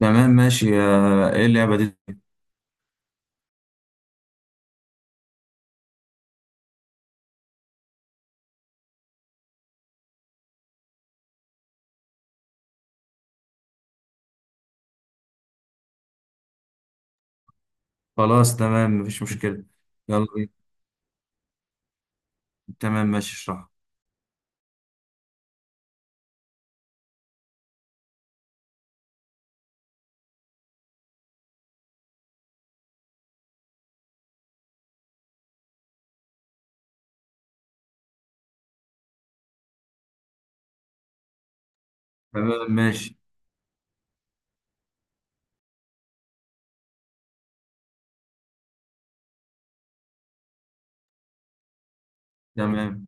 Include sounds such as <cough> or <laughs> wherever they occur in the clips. تمام ماشي. ايه اللعبة دي؟ خلاص تمام، مفيش مشكلة. يلا بينا. تمام ماشي، اشرح. تمام ماشي. تمام.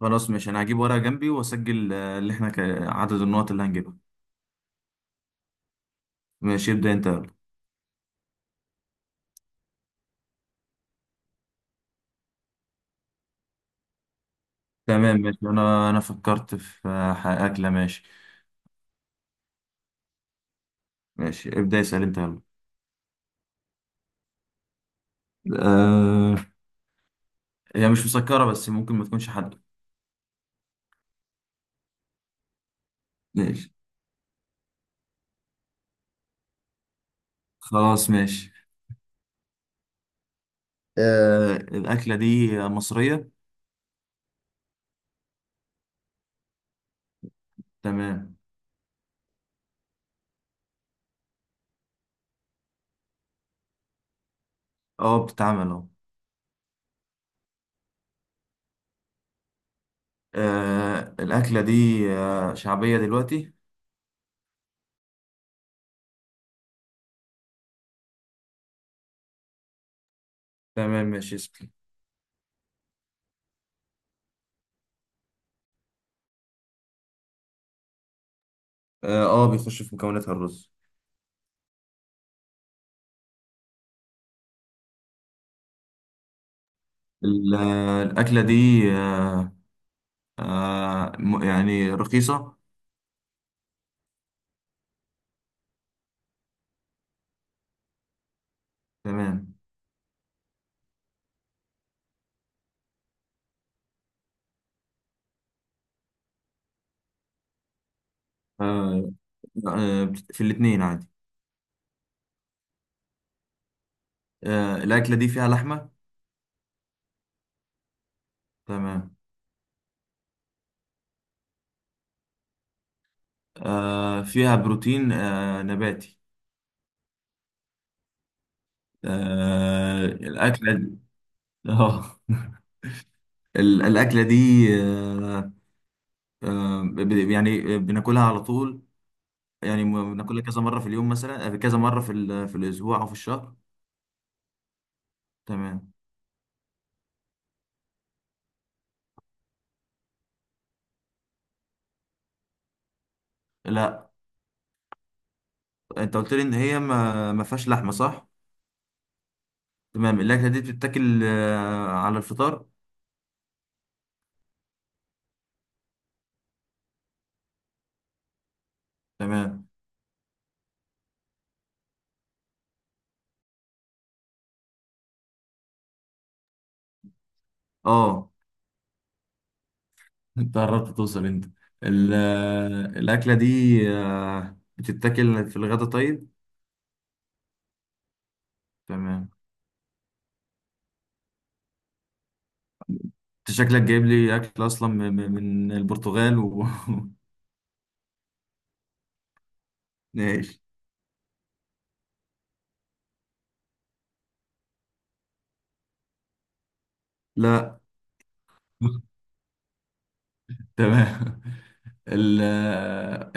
خلاص ماشي، انا هجيب ورقة جنبي واسجل اللي احنا عدد النقط اللي هنجيبها. ماشي، ابدأ انت، يلا. تمام ماشي، انا فكرت في أكلة، ماشي. ماشي، ابدأ اسأل انت، يلا. آه... هي مش مسكرة، بس ممكن ما تكونش حادقة. ماشي. خلاص ماشي. الأكلة دي مصرية؟ تمام. اه، بتتعمل اهو. الأكلة دي شعبية دلوقتي؟ تمام ماشي، اسأل. اه، بيخش في مكوناتها الرز. الأكلة دي آه يعني رخيصة؟ تمام. آه آه في الاتنين عادي. الأكلة دي فيها لحمة؟ تمام. فيها بروتين نباتي. الأكلة دي... <laughs> اه. الأكلة دي آه يعني بناكلها على طول، يعني بناكلها كذا مرة في اليوم مثلا، كذا مرة في في الأسبوع أو في الشهر؟ تمام. لا. أنت قلت لي إن هي ما فيهاش لحمة، صح؟ تمام. الأكلة دي بتتاكل على الفطار؟ تمام. أه. أنت قربت توصل، أنت. الأكلة دي، بتتاكل في الغدا طيب؟ تمام. أنت شكلك جايب لي أكل أصلا من البرتغال و <laughs> ماشي. لا. تمام. <laughs> ال...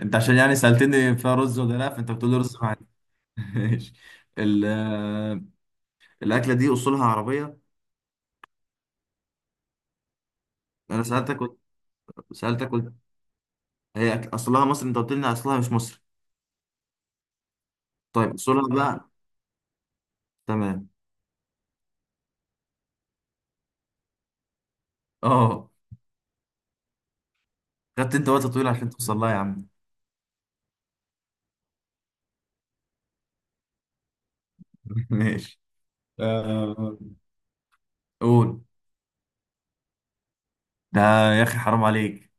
انت عشان يعني سألتني فيها رز ولا لا، فانت بتقول لي رز مع... <laughs> ماشي. ال... الاكله دي اصولها عربيه؟ انا سألتك، سألتك قلت هي اصلها مصري، انت قلت لي إن اصلها مش مصري. طيب اصولها بقى. تمام. اه. خدت انت وقت طويل عشان توصل لها يا عم. <laughs> ماشي. آه، قول. ده يا اخي حرام عليك.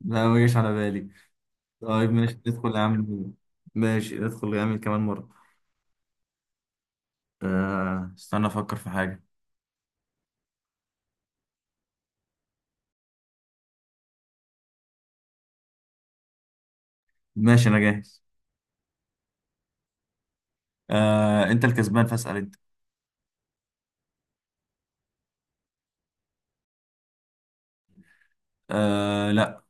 لا، ما جاش على بالي. طيب ماشي، ندخل يا عم. ماشي، ندخل يا عم كمان مرة. استنى افكر في حاجة. ماشي، انا جاهز. انت الكسبان فاسأل انت. لا.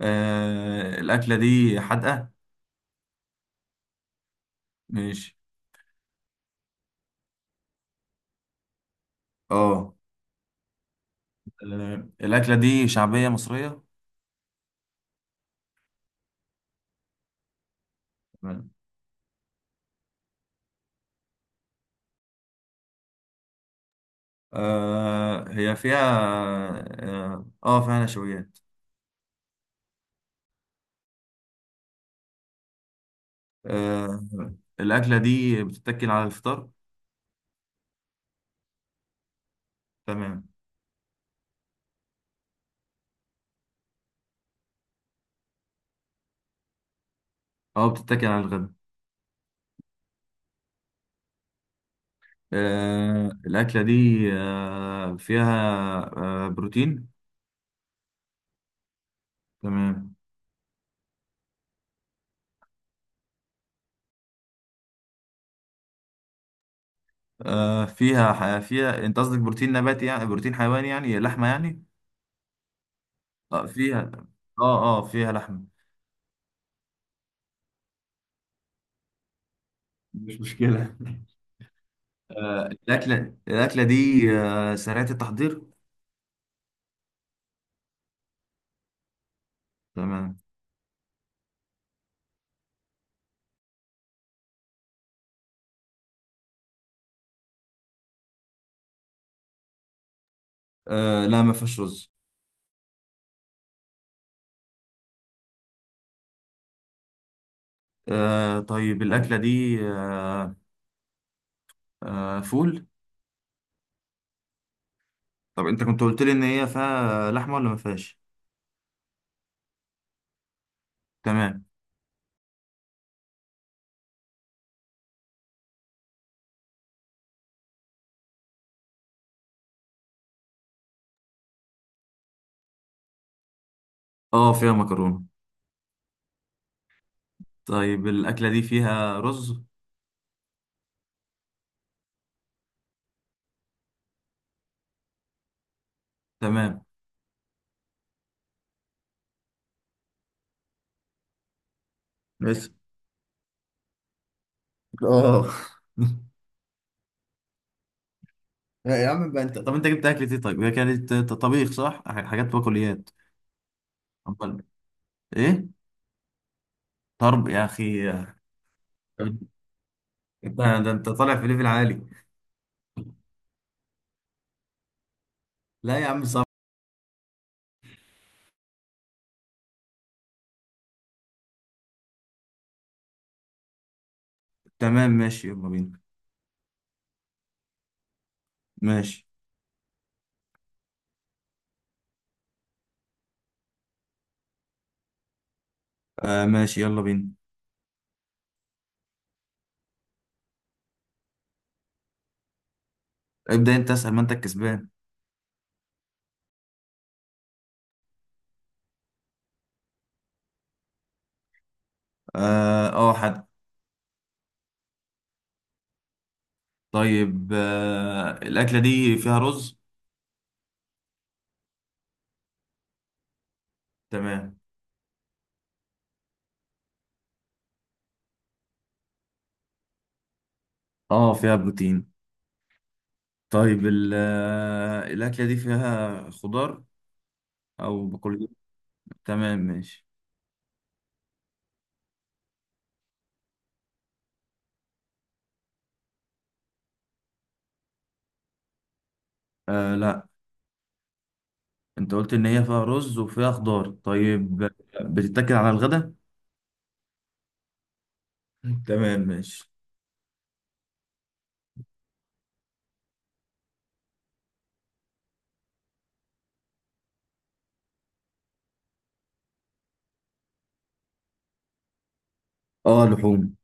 الاكلة دي حادقة؟ ماشي. اه. الاكلة دي شعبية مصرية؟ تمام. هي فيها، اه، فيها نشويات. آه، الاكلة دي بتتاكل على الفطار؟ تمام. اه، بتتاكل على الغداء. الاكلة دي، فيها بروتين؟ تمام. فيها انت قصدك بروتين نباتي يعني بروتين حيواني، يعني لحمه يعني؟ فيها. اه فيها لحمه. مش مشكله. <laughs> الاكله دي سريعه التحضير؟ تمام. لا، ما فيهاش رز. طيب، الاكله دي فول؟ طب انت كنت قلت لي ان هي فيها لحمه ولا ما فيهاش؟ تمام. اه فيها مكرونه. طيب الاكله دي فيها رز؟ تمام. بس اه. <laughs> لا يا عم بقى، انت طب انت جبت اكلة ايه طيب؟ هي كانت طبيخ صح؟ حاجات بقوليات؟ امال ايه؟ طرب يا اخي. انت ده انت طالع في ليفل عالي. لا يا عم، صعب. تمام ماشي، يلا بينا. ماشي. ماشي يلا بينا. ابدأ انت اسأل ما انت الكسبان. اه حد. طيب، الأكلة دي فيها رز؟ تمام. اه فيها بروتين. طيب، الأكلة دي فيها خضار؟ أو بقول... تمام ماشي. لا. انت قلت ان هي فيها رز وفيها خضار طيب؟ بتتاكل على الغدا؟ تمام ماشي. اه، لحوم.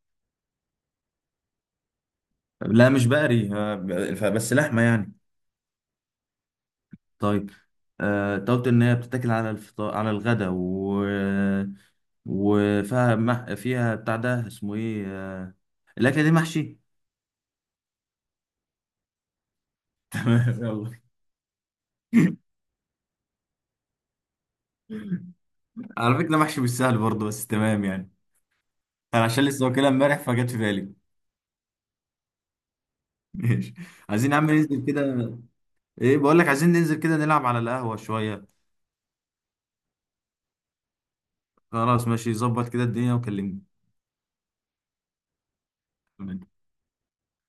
لا، مش بقري، بس لحمه يعني. طيب. انت قلت ان هي بتتاكل على الفطار على الغدا، و وفيها فيها بتاع ده اسمه ايه، الاكله دي محشي؟ تمام، يلا. <laughs> على فكره، محشي مش سهل برضه، بس تمام يعني. انا عشان لسه واكلها امبارح، فجت في بالي. <laughs> ماشي. عايزين يا عم ننزل كده. ايه بقول لك، عايزين ننزل كده نلعب على القهوه شويه. خلاص ماشي، ظبط كده الدنيا وكلمني.